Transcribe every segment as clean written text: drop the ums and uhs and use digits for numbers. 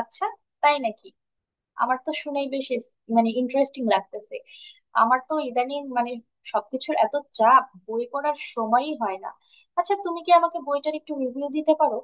আচ্ছা, তাই নাকি? আমার তো শুনেই বেশ ইস- মানে ইন্টারেস্টিং লাগতেছে। আমার তো ইদানিং সবকিছুর এত চাপ, বই পড়ার সময়ই হয় না। আচ্ছা, তুমি কি আমাকে বইটার একটু রিভিউ দিতে পারো?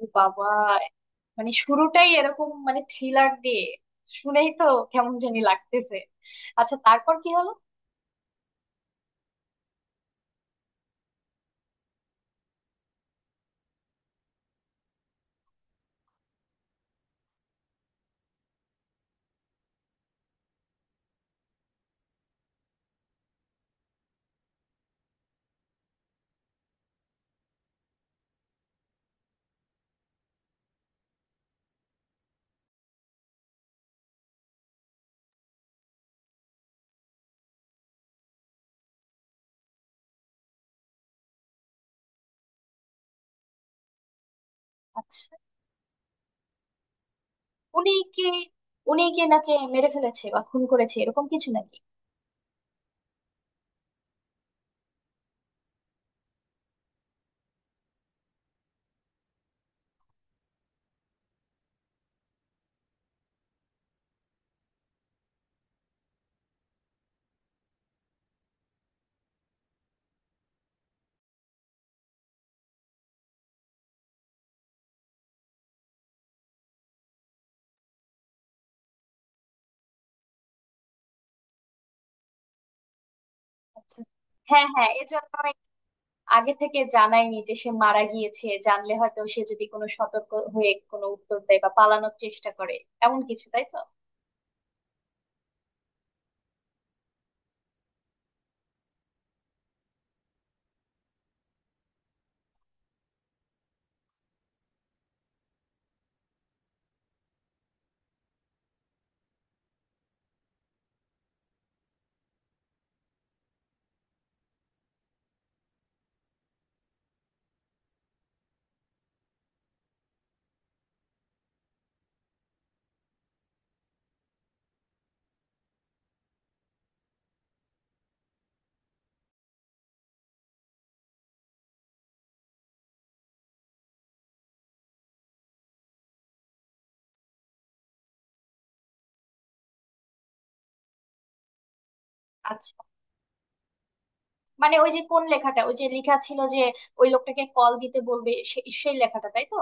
ও বাবা! মানে শুরুটাই এরকম, মানে থ্রিলার দিয়ে। শুনেই তো কেমন জানি লাগতেছে। আচ্ছা, তারপর কি হলো? আচ্ছা, উনি কি উনি কি নাকি মেরে ফেলেছে বা খুন করেছে এরকম কিছু নাকি? আচ্ছা। হ্যাঁ, হ্যাঁ, এজন্য আগে থেকে জানায়নি যে সে মারা গিয়েছে। জানলে হয়তো সে যদি কোনো সতর্ক হয়ে কোনো উত্তর দেয় বা পালানোর চেষ্টা করে, এমন কিছু, তাই তো? আচ্ছা, মানে ওই যে কোন লেখাটা, ওই যে লেখা ছিল যে ওই লোকটাকে কল দিতে বলবে, সেই লেখাটা, তাই তো?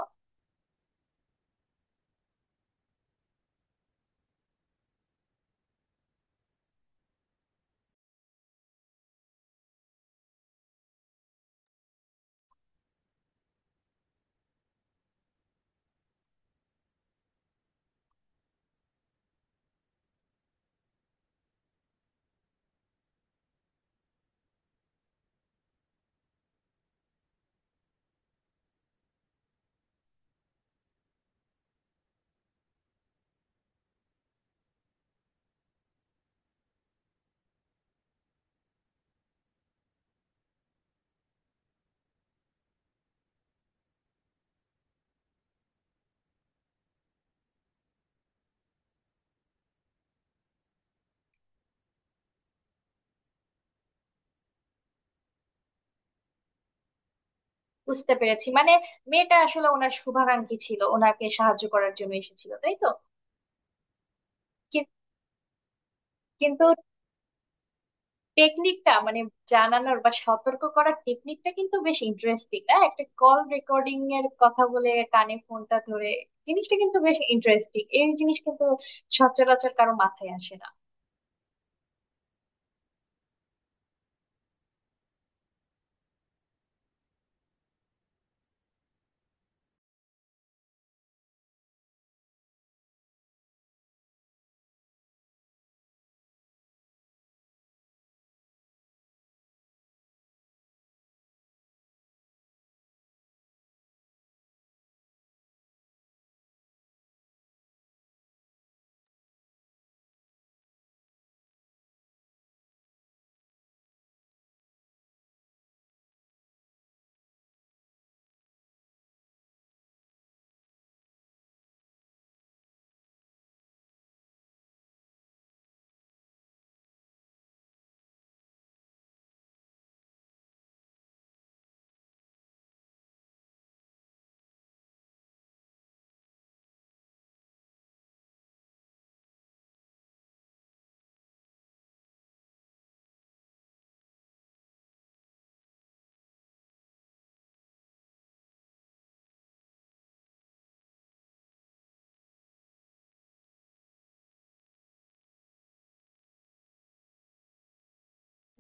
বুঝতে পেরেছি। মানে মেয়েটা আসলে ওনার শুভাকাঙ্ক্ষী ছিল, ওনাকে সাহায্য করার জন্য এসেছিল, তাই তো? কি- কিন্তু টেকনিকটা, মানে জানানোর বা সতর্ক করার টেকনিকটা কিন্তু বেশ ইন্টারেস্টিং না? একটা কল রেকর্ডিং এর কথা বলে কানে ফোনটা ধরে, জিনিসটা কিন্তু বেশ ইন্টারেস্টিং। এই জিনিস কিন্তু সচরাচর কারো মাথায় আসে না।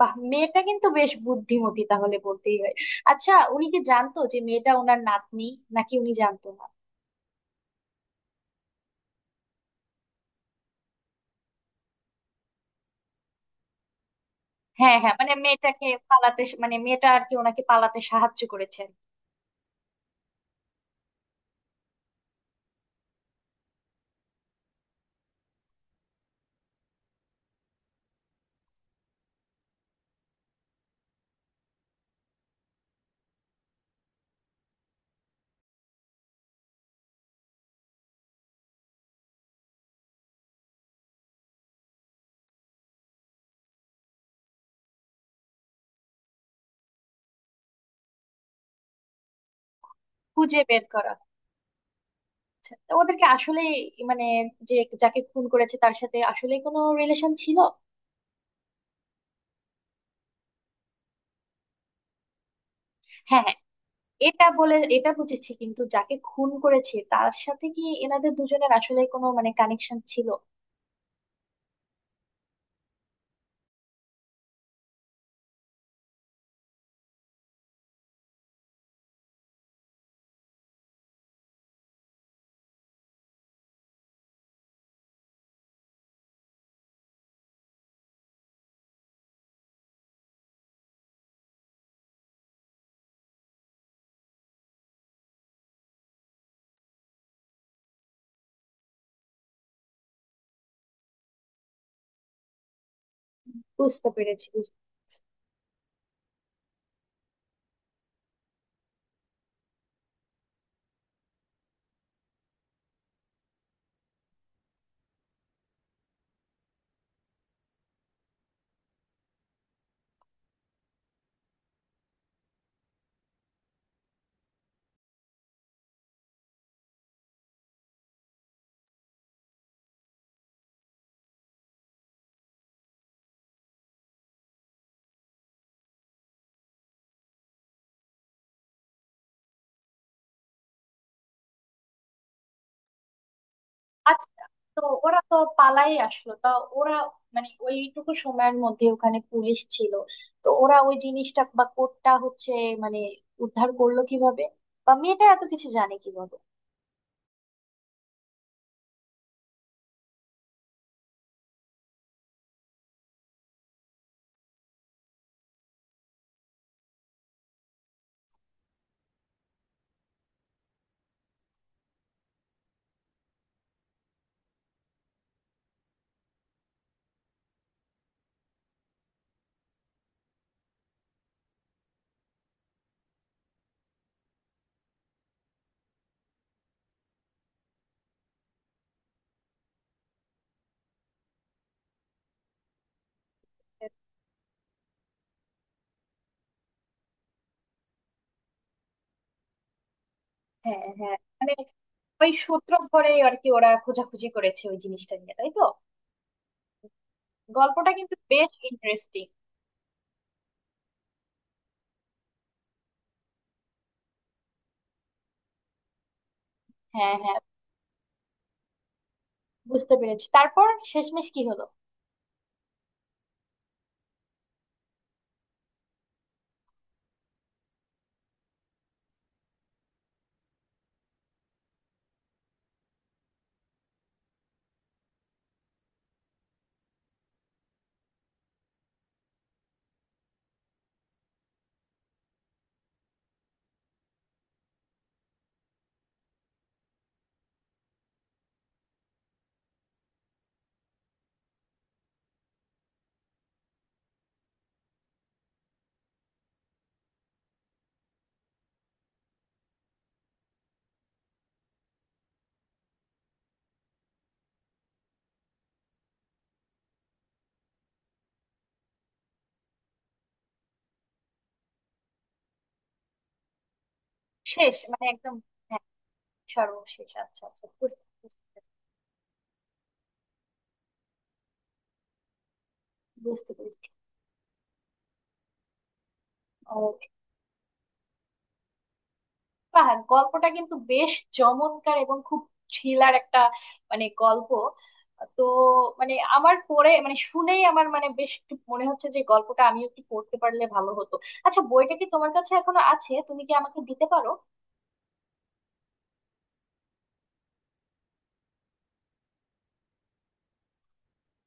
বাহ, মেয়েটা কিন্তু বেশ বুদ্ধিমতী তাহলে, বলতেই হয়। আচ্ছা, উনি কি জানতো যে মেয়েটা ওনার নাতনি, নাকি উনি জানতো না? হ্যাঁ, হ্যাঁ, মানে মেয়েটাকে পালাতে, মানে মেয়েটা আর কি ওনাকে পালাতে সাহায্য করেছেন। খুঁজে বের করা। তো ওদেরকে আসলে, মানে, যে, যাকে খুন করেছে তার সাথে আসলে কোনো রিলেশন ছিল? হ্যাঁ, হ্যাঁ, এটা বলে এটা বুঝেছি, কিন্তু যাকে খুন করেছে তার সাথে কি এনাদের দুজনের আসলে কোনো মানে কানেকশন ছিল? বুঝতে পেরেছি। আচ্ছা, তো ওরা তো পালাই আসলো, তা ওরা, মানে ওইটুকু সময়ের মধ্যে ওখানে পুলিশ ছিল, তো ওরা ওই জিনিসটা বা কোডটা হচ্ছে, মানে, উদ্ধার করলো কিভাবে? বা মেয়েটা এত কিছু জানে কিভাবে? হ্যাঁ, হ্যাঁ, মানে ওই সূত্র ধরেই আর কি ওরা খোঁজাখুঁজি করেছে ওই জিনিসটা নিয়ে, তাই তো? গল্পটা কিন্তু বেশ ইন্টারেস্টিং। হ্যাঁ, হ্যাঁ, বুঝতে পেরেছি। তারপর শেষমেশ কি হলো? শেষ মানে একদম? হ্যাঁ, সর্বশেষ। আচ্ছা, আচ্ছা, বুঝতে বুঝতে পেরেছি বুঝতে পেরেছি ও, বাহ, গল্পটা কিন্তু বেশ চমৎকার এবং খুব থ্রিলার একটা, মানে গল্প। তো মানে আমার পড়ে, মানে শুনেই আমার, মানে বেশ একটু মনে হচ্ছে যে গল্পটা আমিও একটু পড়তে পারলে ভালো হতো। আচ্ছা, বইটা কি তোমার কাছে এখনো আছে? তুমি কি আমাকে দিতে পারো?